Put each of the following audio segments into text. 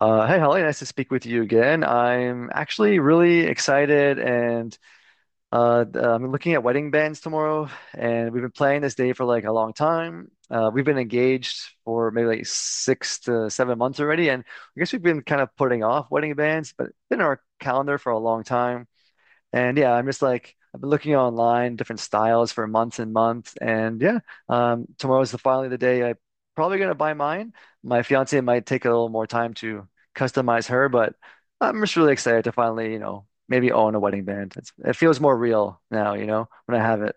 Hey, Holly, nice to speak with you again. I'm actually really excited, and I'm looking at wedding bands tomorrow. And we've been planning this day for like a long time. We've been engaged for maybe like 6 to 7 months already, and I guess we've been kind of putting off wedding bands, but it's been on our calendar for a long time. And yeah, I'm just like I've been looking online, different styles for months and months. And tomorrow's the finally the day I probably gonna buy mine. My fiance might take a little more time to customize her, but I'm just really excited to finally, you know, maybe own a wedding band. It feels more real now, you know, when I have it.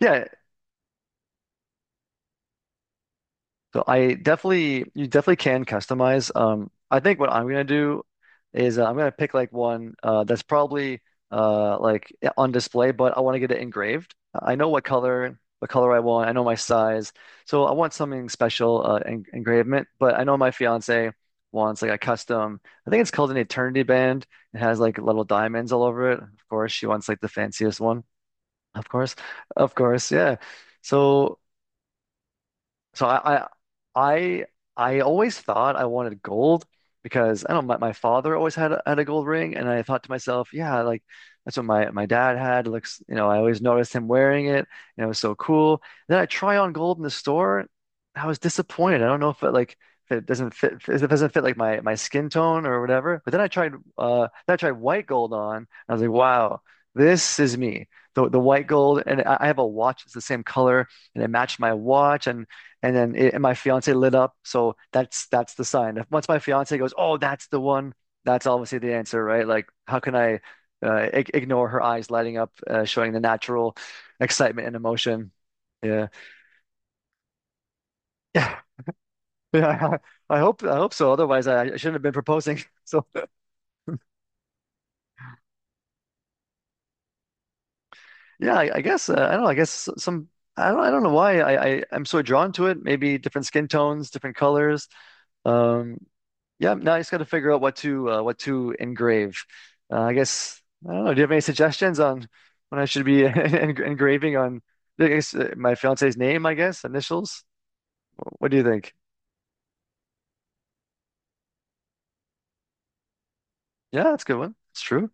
Yeah, so I definitely, you definitely can customize. I think what I'm gonna do is I'm gonna pick like one that's probably like on display, but I want to get it engraved. I know what color I want. I know my size, so I want something special en engravement. But I know my fiance wants like a custom. I think it's called an Eternity Band. It has like little diamonds all over it. Of course, she wants like the fanciest one. Of course, of course, yeah. So. So I I always thought I wanted gold because I don't know, my father always had a gold ring, and I thought to myself, yeah, like that's what my dad had. Looks, you know, I always noticed him wearing it and it was so cool. Then I try on gold in the store. I was disappointed. I don't know if it like if it doesn't fit if it doesn't fit like my skin tone or whatever. But then I tried white gold on. And I was like, wow, this is me. The white gold, and I have a watch that's the same color, and it matched my watch, and and my fiance lit up. So that's the sign. If- Once my fiance goes, "Oh, that's the one," that's obviously the answer, right? Like, how can I ig ignore her eyes lighting up, showing the natural excitement and emotion? Yeah, yeah, yeah. I hope so. Otherwise, I shouldn't have been proposing. So yeah, I guess I don't know. I guess some. I don't know why I'm so drawn to it. Maybe different skin tones, different colors. Um, Yep. Now I just got to figure out what to engrave. I guess I don't know. Do you have any suggestions on when I should be en engraving on I guess, my fiance's name? I guess initials. What do you think? Yeah, that's a good one. It's true.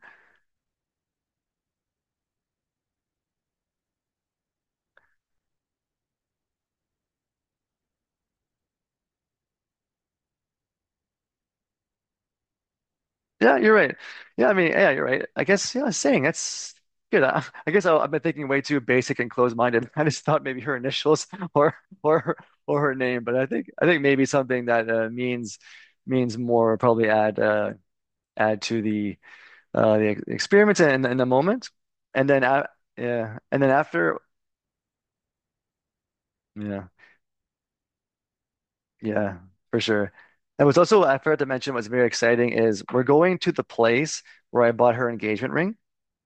Yeah, you're right. Yeah, I mean, yeah, you're right. I guess yeah, saying that's good. I guess I've been thinking way too basic and closed-minded. I just thought maybe her initials or or her- or her name, but I think maybe something that means means more probably add to the experience in the moment, and then a yeah, and then after, yeah, yeah, for sure. And what's also I forgot to mention what's very exciting is we're going to the place where I bought her engagement ring.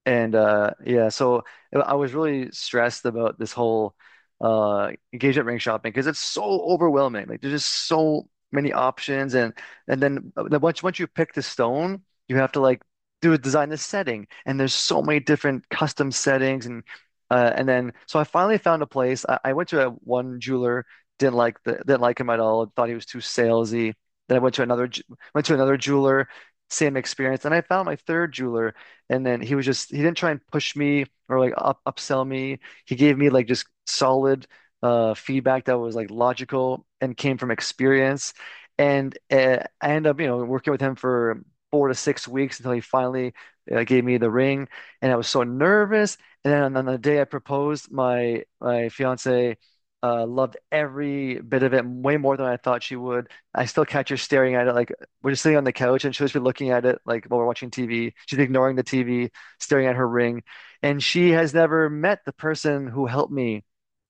And yeah, so I was really stressed about this whole engagement ring shopping because it's so overwhelming. Like there's just so many options, and then once once you pick the stone, you have to like do design the setting, and there's so many different custom settings. And then so I finally found a place. I went to a one jeweler, didn't like the didn't like him at all, thought he was too salesy. Then I went to went to another jeweler, same experience. Then I found my third jeweler, and then he was just, he didn't try and push me or like up upsell me. He gave me like just solid feedback that was like logical and came from experience. And I ended up, you know, working with him for 4 to 6 weeks until he finally gave me the ring. And I was so nervous. And then on the day I proposed, my fiance loved every bit of it way more than I thought she would. I still catch her staring at it like we're just sitting on the couch, and she'll just be looking at it like while we're watching TV. She's ignoring the TV, staring at her ring. And she has never met the person who helped me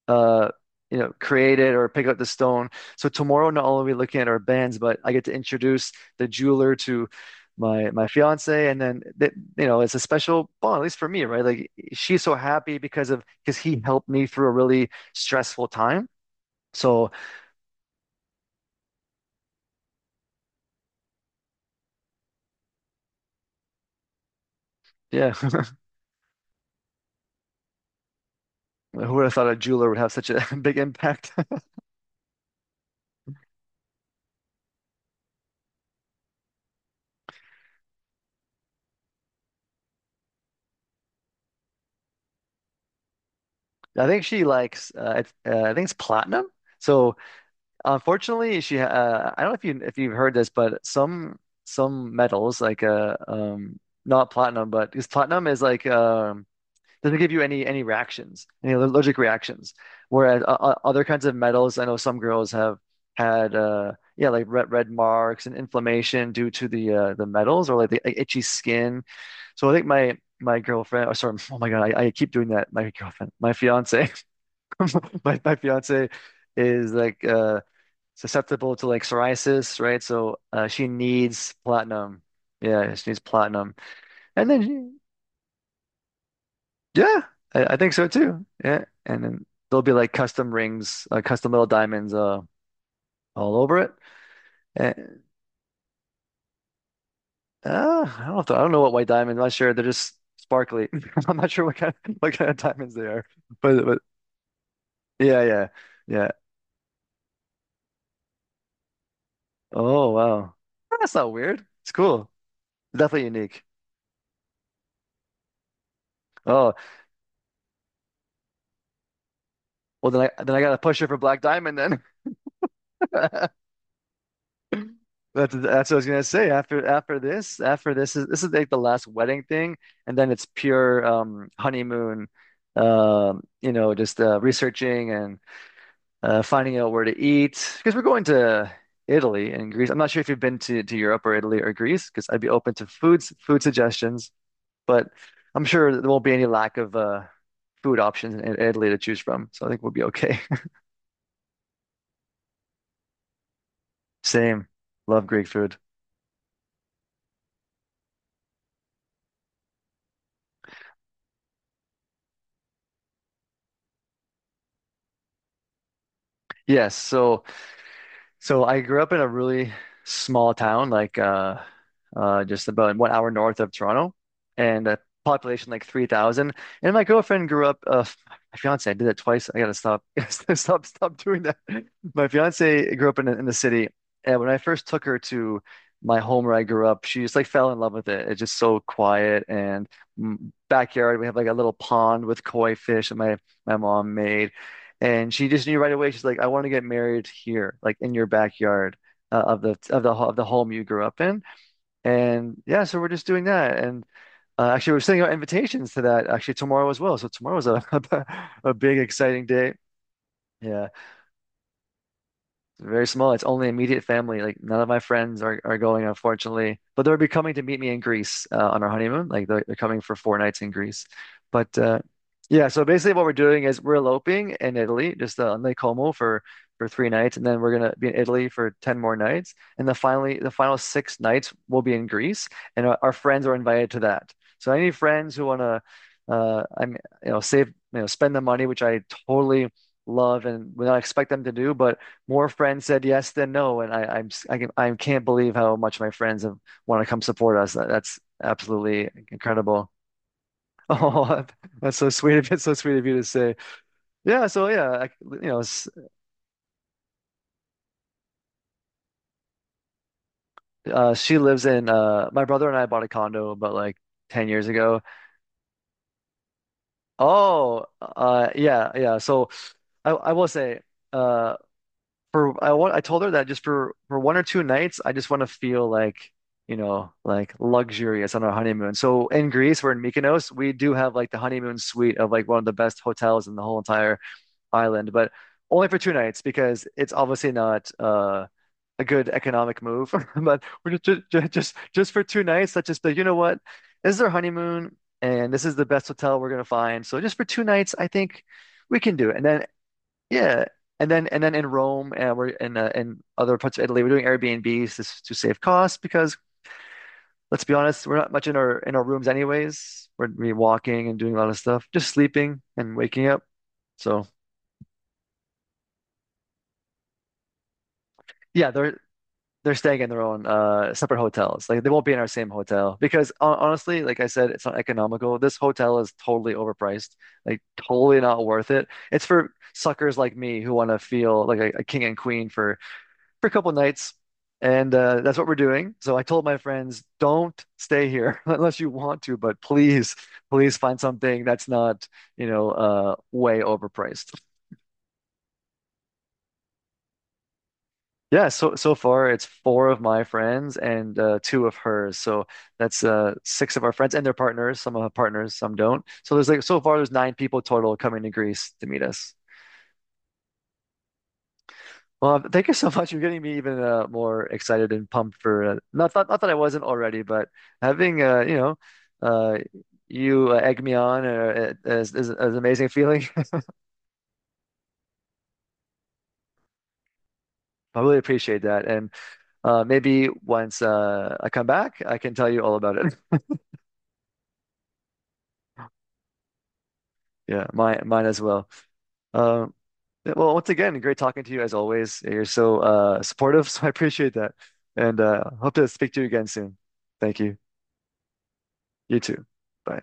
uh you know create it or pick up the stone. So tomorrow not only are we looking at our bands, but I get to introduce the jeweler to my fiance, you know, it's a special bond, at least for me, right? Like she's so happy because of because he helped me through a really stressful time, so yeah. Who would have thought a jeweler would have such a big impact. I think she likes I think it's platinum. So unfortunately, she I don't know if you if you've heard this, but some metals like not platinum, but because platinum is like doesn't give you any reactions, any allergic reactions. Whereas other kinds of metals, I know some girls have had yeah like red marks and inflammation due to the metals or like the itchy skin. So I think my girlfriend, or sorry, oh my God, I keep doing that. My girlfriend, my fiance. My fiance is like susceptible to like psoriasis, right? So she needs platinum. Yeah, she needs platinum. And then she, yeah, I think so too. Yeah. And then there'll be like custom rings, custom little diamonds all over it. And I don't know if the- I don't know what white diamonds, I'm not sure. They're just sparkly. I'm not sure what kind of diamonds they are. But yeah, yeah. Yeah. Oh wow. That's not weird. It's cool. Definitely unique. Oh, well, then I got to push her for Black Diamond then. That's what I was gonna say. After this, is like the last wedding thing, and then it's pure honeymoon. You know, just researching and finding out where to eat because we're going to Italy and Greece. I'm not sure if you've been to Europe or Italy or Greece, because I'd be open to food suggestions, but I'm sure there won't be any lack of food options in Italy to choose from. So I think we'll be okay. Same. Love Greek food. Yes, so I grew up in a really small town, like just about 1 hour north of Toronto, and a population like 3,000. And my girlfriend grew up. My fiance, I did that twice. I gotta stop, stop, stop doing that. My fiance grew up in in the city, and when I first took her to my home where I grew up, she just like fell in love with it. It's just so quiet, and backyard. We have like a little pond with koi fish that my mom made. And she just knew right away. She's like, I want to get married here, like in your backyard of of the home you grew up in. And yeah, so we're just doing that. And actually, we're sending out invitations to that actually tomorrow as well. So tomorrow's a a big exciting day. Yeah. It's very small. It's only immediate family. Like none of my friends are going, unfortunately. But they'll be coming to meet me in Greece on our honeymoon. Like they're coming for 4 nights in Greece. But yeah, so basically what we're doing is we're eloping in Italy, just on Lake Como for 3 nights, and then we're gonna be in Italy for 10 more nights, and the finally the final 6 nights will be in Greece, and our friends are invited to that. So any friends who wanna, I'm you know save you know spend the money, which I totally love and would not expect them to do, but more friends said yes than no, and I, I'm s- I am I can I can't believe how much my friends have want to come support us. That's absolutely incredible. Oh, that's so sweet of you. So sweet of you to say. Yeah. So yeah, I, you know, s- she lives in. My brother and I bought a condo about like 10 years ago. Oh, yeah, yeah. So I will say. Uh, for I want I told her that just for 1 or 2 nights, I just want to feel like, you know, like luxurious on our honeymoon. So in Greece, we're in Mykonos, we do have like the honeymoon suite of like one of the best hotels in the whole entire island, but only for 2 nights, because it's obviously not a good economic move. But we're just for 2 nights, let's just be, like, you know what? This is our honeymoon, and this is the best hotel we're gonna find. So just for 2 nights, I think we can do it. And then yeah, and then in Rome, we're in other parts of Italy, we're doing Airbnbs to to save costs, because let's be honest, we're not much in our rooms anyways. We walking and doing a lot of stuff, just sleeping and waking up. So yeah, they're staying in their own separate hotels. Like they won't be in our same hotel because honestly, like I said, it's not economical. This hotel is totally overpriced, like totally not worth it. It's for suckers like me who want to feel like a king and queen for a couple nights, and that's what we're doing. So I told my friends, don't stay here unless you want to, but please, please find something that's not, you know, way overpriced. Yeah, so so far it's 4 of my friends and 2 of hers. So that's 6 of our friends and their partners. Some have partners, some don't. So there's like so far there's 9 people total coming to Greece to meet us. Well, thank you so much. You're getting me even more excited and pumped for not that I wasn't already, but having you know uh, you egg me on, is an amazing feeling. I really appreciate that, and maybe once I come back, I can tell you all about it. Yeah, mine as well. Um, yeah, well, once again, great talking to you as always. You're so supportive, so I appreciate that, and hope to speak to you again soon. Thank you. You too. Bye.